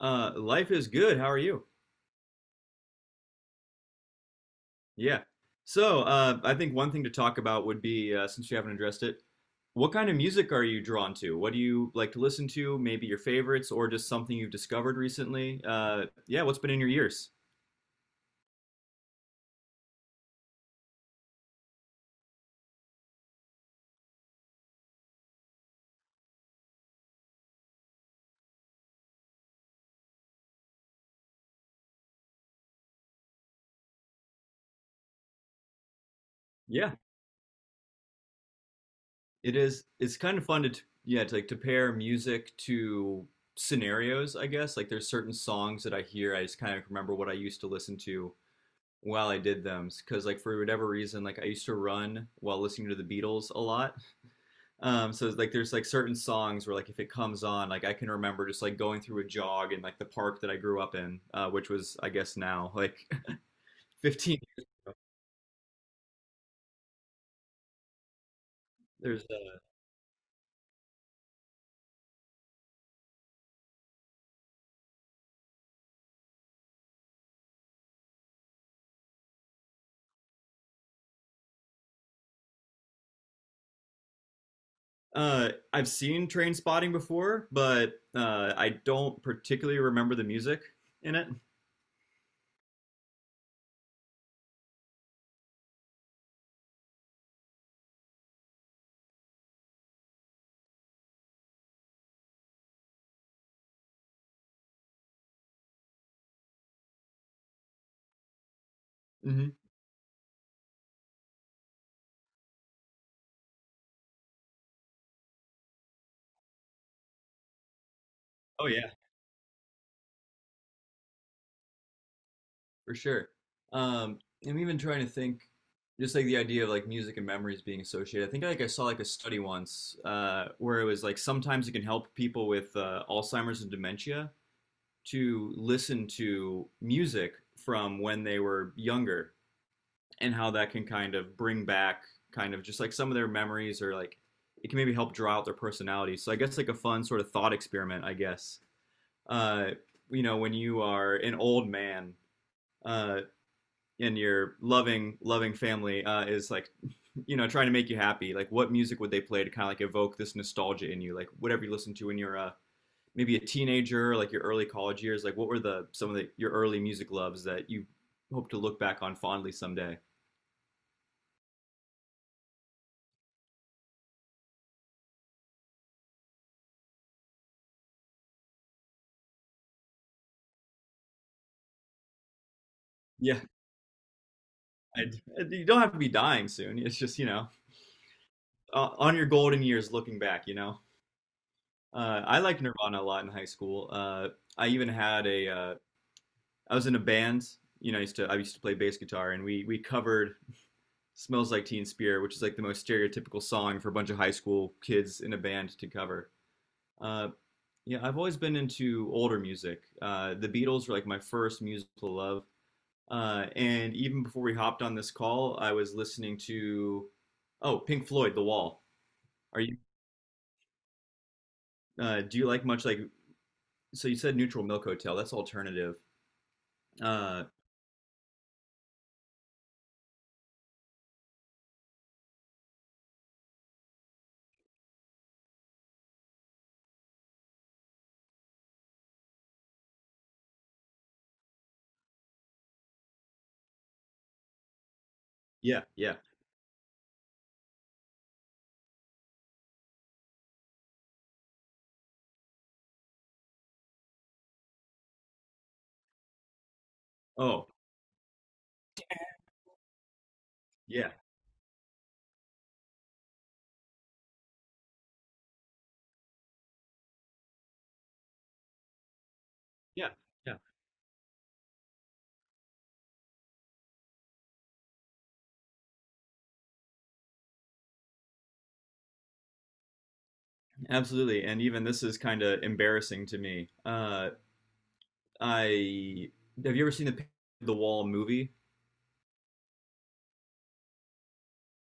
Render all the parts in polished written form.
Life is good. How are you? Yeah. So, I think one thing to talk about would be, since you haven't addressed it, what kind of music are you drawn to? What do you like to listen to? Maybe your favorites or just something you've discovered recently? Yeah, what's been in your ears? Yeah, it is. It's kind of fun to, yeah, to like to pair music to scenarios, I guess. Like there's certain songs that I hear, I just kind of remember what I used to listen to while I did them. Because like for whatever reason, like I used to run while listening to the Beatles a lot. So like there's like certain songs where like if it comes on, like I can remember just like going through a jog in like the park that I grew up in, which was I guess now like 15. There's I've seen Train Spotting before, but I don't particularly remember the music in it. Hmm. Oh yeah, for sure. Um, I'm even trying to think, just like the idea of like music and memories being associated. I think like I saw like a study once where it was like sometimes it can help people with Alzheimer's and dementia to listen to music from when they were younger and how that can kind of bring back kind of just like some of their memories, or like it can maybe help draw out their personality. So I guess like a fun sort of thought experiment, I guess. Uh, you know, when you are an old man uh, and your loving family is like, you know, trying to make you happy, like what music would they play to kind of like evoke this nostalgia in you, like whatever you listen to when you're maybe a teenager, like your early college years, like what were the some of the your early music loves that you hope to look back on fondly someday? Yeah, I, you don't have to be dying soon. It's just, you know, on your golden years looking back, you know. I liked Nirvana a lot in high school. I even had a I was in a band, you know, I used to play bass guitar, and we covered Smells Like Teen Spirit, which is like the most stereotypical song for a bunch of high school kids in a band to cover. Uh, Yeah, I've always been into older music. The Beatles were like my first musical love. And even before we hopped on this call, I was listening to oh Pink Floyd, The Wall. Are you Do you like much like, so you said Neutral Milk Hotel? That's alternative. Uh, yeah, yeah. Oh, yeah, yeah, yeah. Absolutely. And even this is kind of embarrassing to me. I Have you ever seen the Pink- Floyd The Wall movie?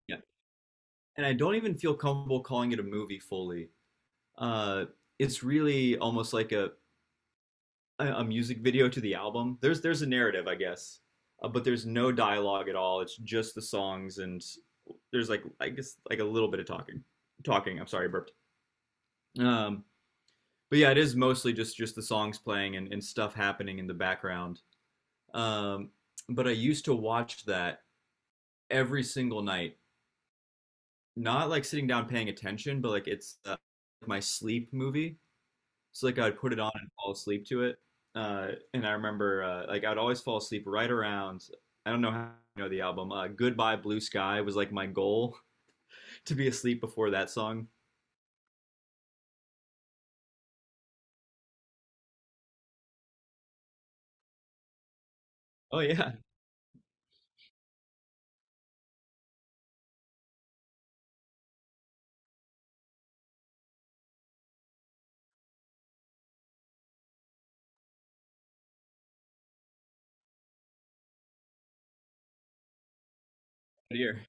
Yeah. And I don't even feel comfortable calling it a movie fully. Uh, it's really almost like a music video to the album. There's a narrative, I guess, but there's no dialogue at all. It's just the songs, and there's like I guess like a little bit of talking. Talking. I'm sorry, I burped. Um, but yeah, it is mostly just the songs playing, and stuff happening in the background. Um, but I used to watch that every single night, not like sitting down paying attention, but like it's my sleep movie. So like I'd put it on and fall asleep to it. Uh, and I remember like I'd always fall asleep right around, I don't know how, you know the album. Goodbye Blue Sky was like my goal to be asleep before that song. Oh yeah, good ear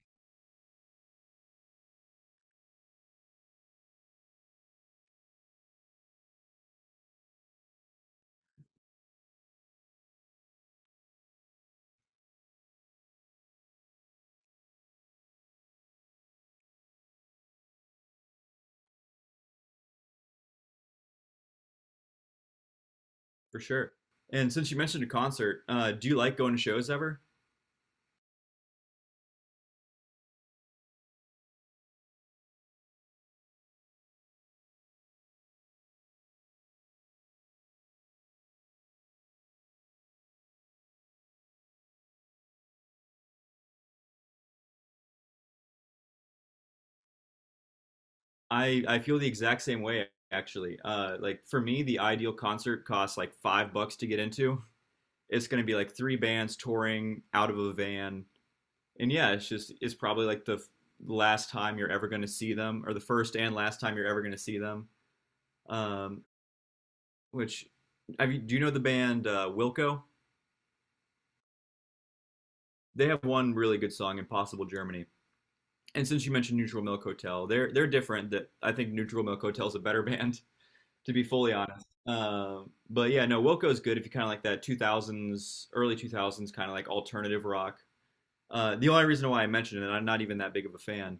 for sure. And since you mentioned a concert, do you like going to shows ever? I feel the exact same way actually. Like for me, the ideal concert costs like $5 to get into. It's going to be like three bands touring out of a van, and yeah, it's just it's probably like the last time you're ever going to see them, or the first and last time you're ever going to see them. Um, which have you, do you know the band Wilco? They have one really good song, "Impossible Germany." And since you mentioned Neutral Milk Hotel, they're different. That I think Neutral Milk Hotel is a better band, to be fully honest. But yeah, no, Wilco is good if you kind of like that 2000s, early 2000s kind of like alternative rock. The only reason why I mentioned it, and I'm not even that big of a fan,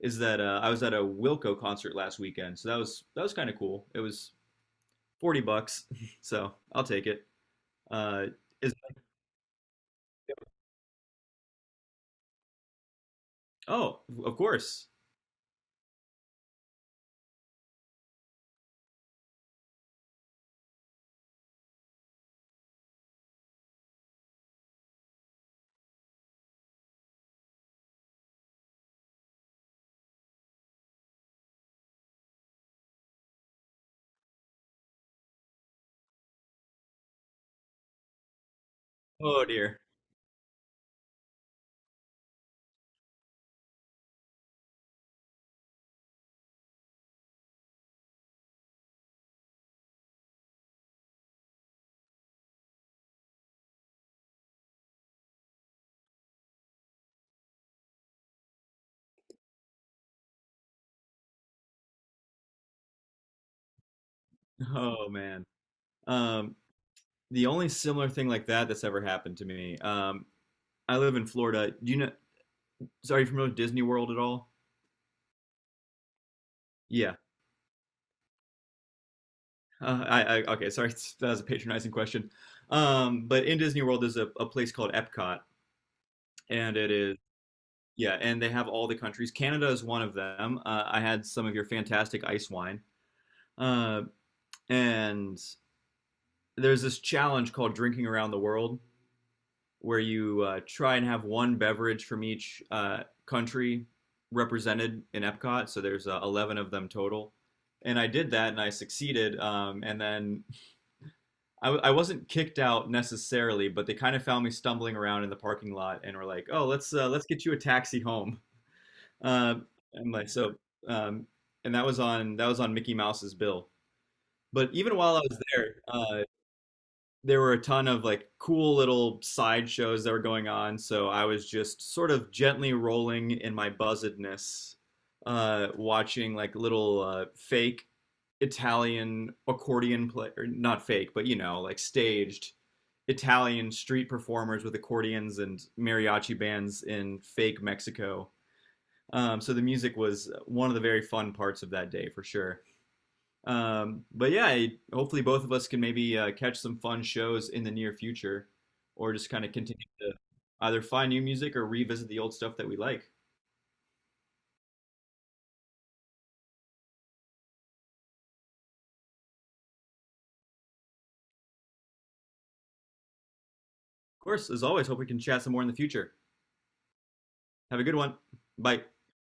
is that I was at a Wilco concert last weekend, so that was kind of cool. It was $40, so I'll take it. Uh, is Oh, of course. Oh dear. Oh man. Um, the only similar thing like that that's ever happened to me. I live in Florida. Do you know? So are you familiar with Disney World at all? Yeah. I okay. Sorry, that was a patronizing question. But in Disney World, there's a place called Epcot, and it is, yeah, and they have all the countries. Canada is one of them. I had some of your fantastic ice wine. Uh, and there's this challenge called Drinking Around the World where you try and have one beverage from each country represented in Epcot. So there's 11 of them total. And I did that and I succeeded. And then I wasn't kicked out necessarily, but they kind of found me stumbling around in the parking lot and were like, oh, let's get you a taxi home. Um, and like so, um, and that was on, that was on Mickey Mouse's bill. But even while I was there, there were a ton of like cool little side shows that were going on. So I was just sort of gently rolling in my buzzedness, watching like little fake Italian accordion play, or not fake, but you know, like staged Italian street performers with accordions and mariachi bands in fake Mexico. So the music was one of the very fun parts of that day for sure. But yeah, hopefully both of us can maybe catch some fun shows in the near future, or just kind of continue to either find new music or revisit the old stuff that we like. Of course, as always, hope we can chat some more in the future. Have a good one. Bye.